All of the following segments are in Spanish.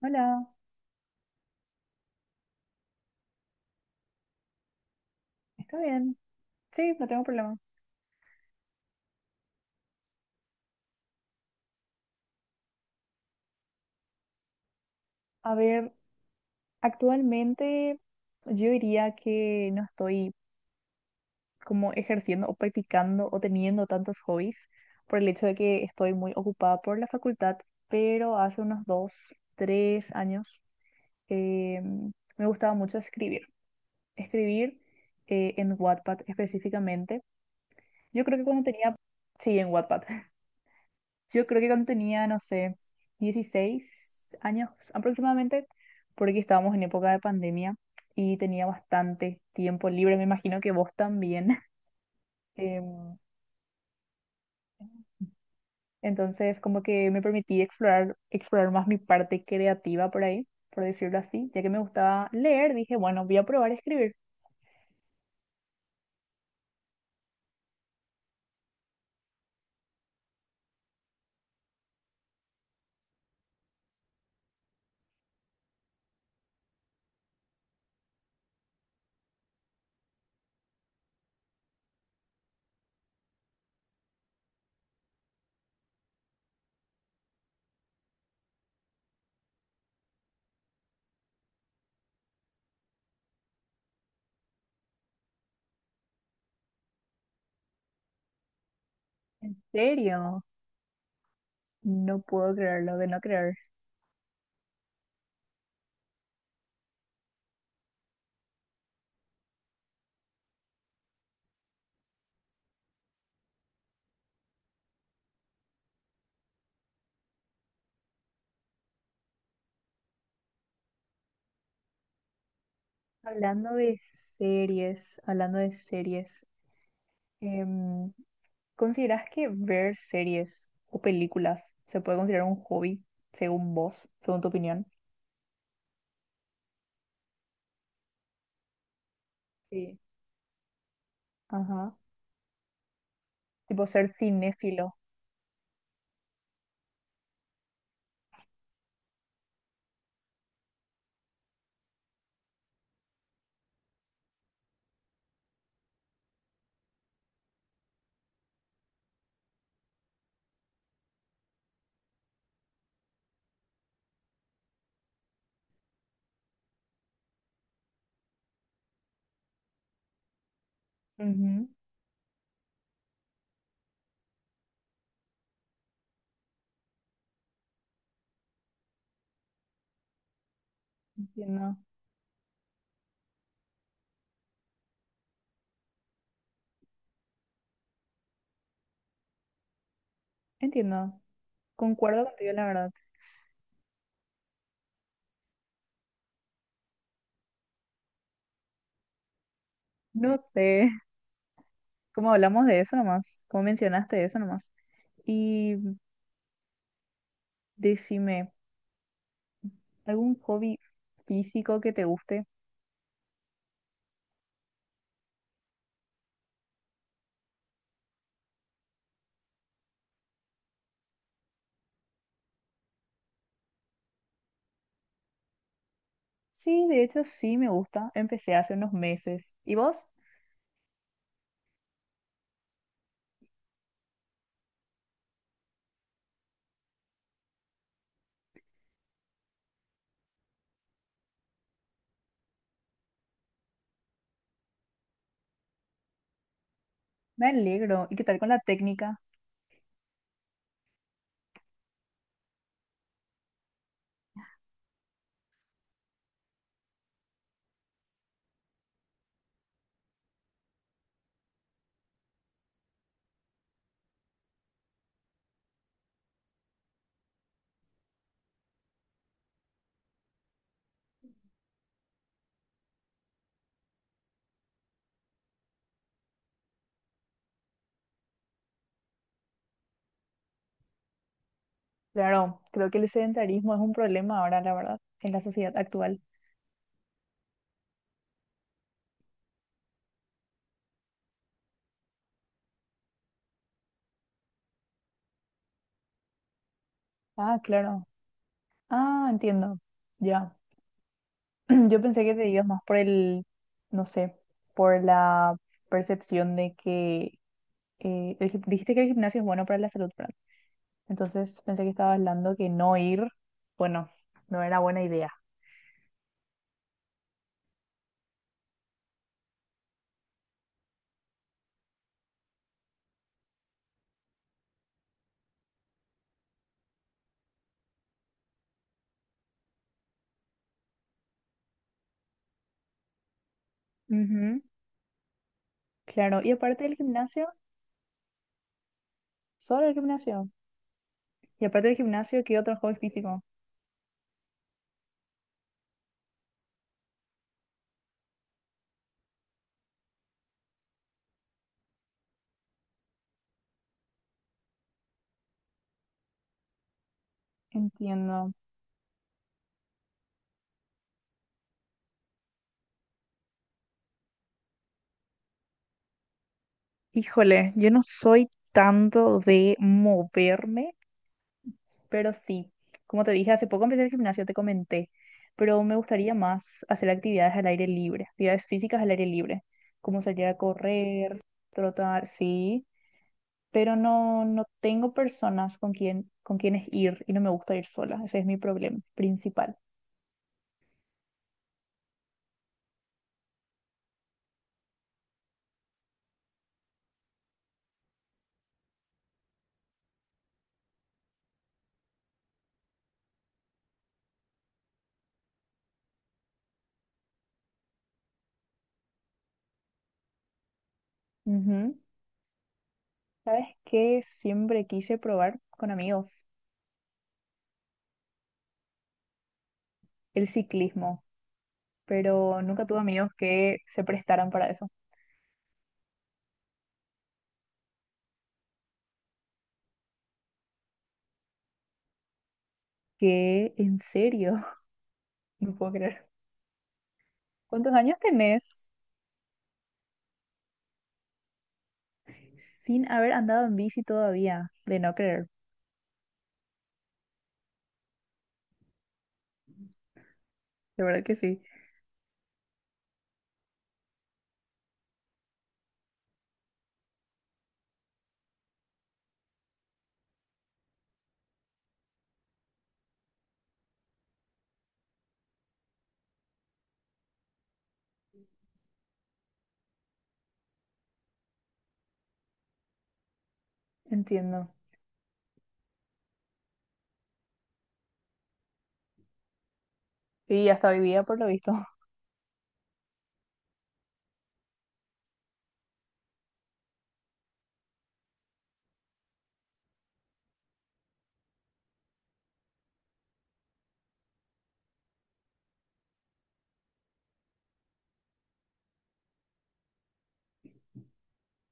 Hola, ¿está bien? Sí, no tengo problema. A ver, actualmente yo diría que no estoy como ejerciendo o practicando o teniendo tantos hobbies por el hecho de que estoy muy ocupada por la facultad, pero hace unos dos, tres años eh, me gustaba mucho escribir. Escribir en Wattpad específicamente. Yo creo que cuando tenía, sí, en Wattpad. Yo creo que cuando tenía, no sé, 16 años aproximadamente, porque estábamos en época de pandemia y tenía bastante tiempo libre, me imagino que vos también. Em, entonces, como que me permití explorar más mi parte creativa por ahí, por decirlo así, ya que me gustaba leer, dije, bueno, voy a probar a escribir. ¿En serio? No puedo creerlo, de no creer. Hablando de hablando de series, em, ¿consideras que ver series o películas se puede considerar un hobby, según vos, según tu opinión? Sí. Ajá. Tipo ser cinéfilo. Ujú. Entiendo, entiendo. Concuerdo contigo, la verdad. No sé, cómo hablamos de eso nomás, cómo mencionaste eso nomás. Y decime, ¿algún hobby físico que te guste? Sí, de hecho sí me gusta. Empecé hace unos meses. ¿Y vos? Me alegro. ¿Y qué tal con la técnica? Claro, creo que el sedentarismo es un problema ahora, la verdad, en la sociedad actual. Ah, claro. Ah, entiendo. Ya. Yo pensé que te ibas más por el, no sé, por la percepción de que el dijiste que el gimnasio es bueno para la salud, ¿verdad? Entonces pensé que estabas hablando que no ir, bueno, no era buena idea. Ujú. Claro. Y aparte del gimnasio, solo el gimnasio. Y aparte del gimnasio, ¿qué otro hobby físico? Entiendo. Híjole, yo no soy tanto de moverme, pero sí, como te dije, hace poco empecé el gimnasio, te comenté, pero me gustaría más hacer actividades al aire libre, actividades físicas al aire libre, como salir a correr, trotar, sí, pero no tengo personas con quien, con quienes ir y no me gusta ir sola, ese es mi problema principal. Ujú. ¿Sabes qué? Siempre quise probar con amigos el ciclismo, pero nunca tuve amigos que se prestaran para eso. ¿Qué? ¿En serio? No puedo creer. ¿Cuántos años tenés sin haber andado en bici todavía? De no creer. De verdad que sí. Entiendo. Y hasta hoy día, por lo visto.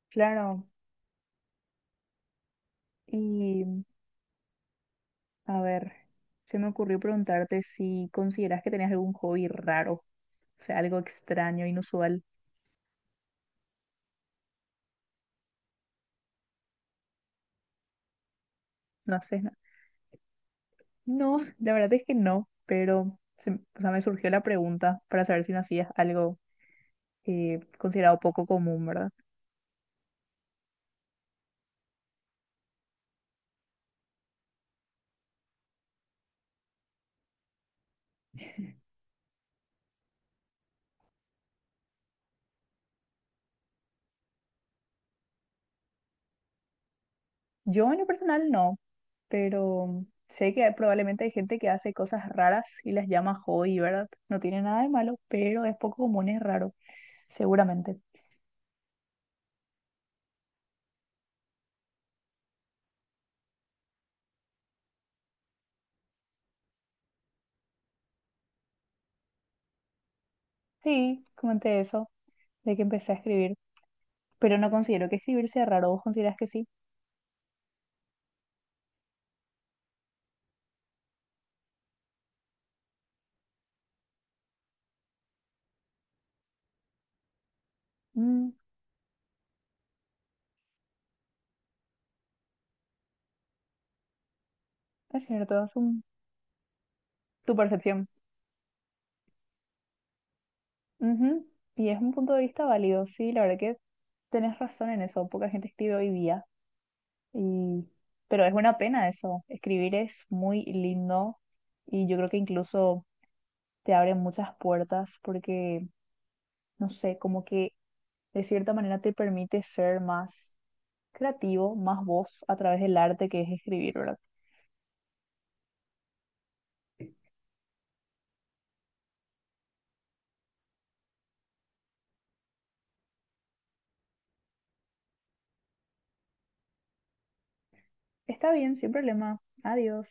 Claro. Y a ver, se me ocurrió preguntarte si consideras que tenías algún hobby raro, o sea, algo extraño, inusual. No sé. Nada no, la verdad es que no, pero o sea, me surgió la pregunta para saber si no hacías algo considerado poco común, ¿verdad? Yo en lo personal no, pero sé que probablemente hay gente que hace cosas raras y las llama hobby, ¿verdad? No tiene nada de malo, pero es poco común, es raro, seguramente. Sí, comenté eso, de que empecé a escribir, pero no considero que escribir sea raro, ¿vos considerás que sí? Mm, es cierto, es tu percepción. Ujú. Y es un punto de vista válido, sí, la verdad que tenés razón en eso, poca gente escribe hoy día, y... pero es una pena eso, escribir es muy lindo y yo creo que incluso... te abre muchas puertas porque, no sé, como que de cierta manera te permite ser más creativo, más vos a través del arte que es escribir, ¿verdad? Está bien, sin problema. Adiós.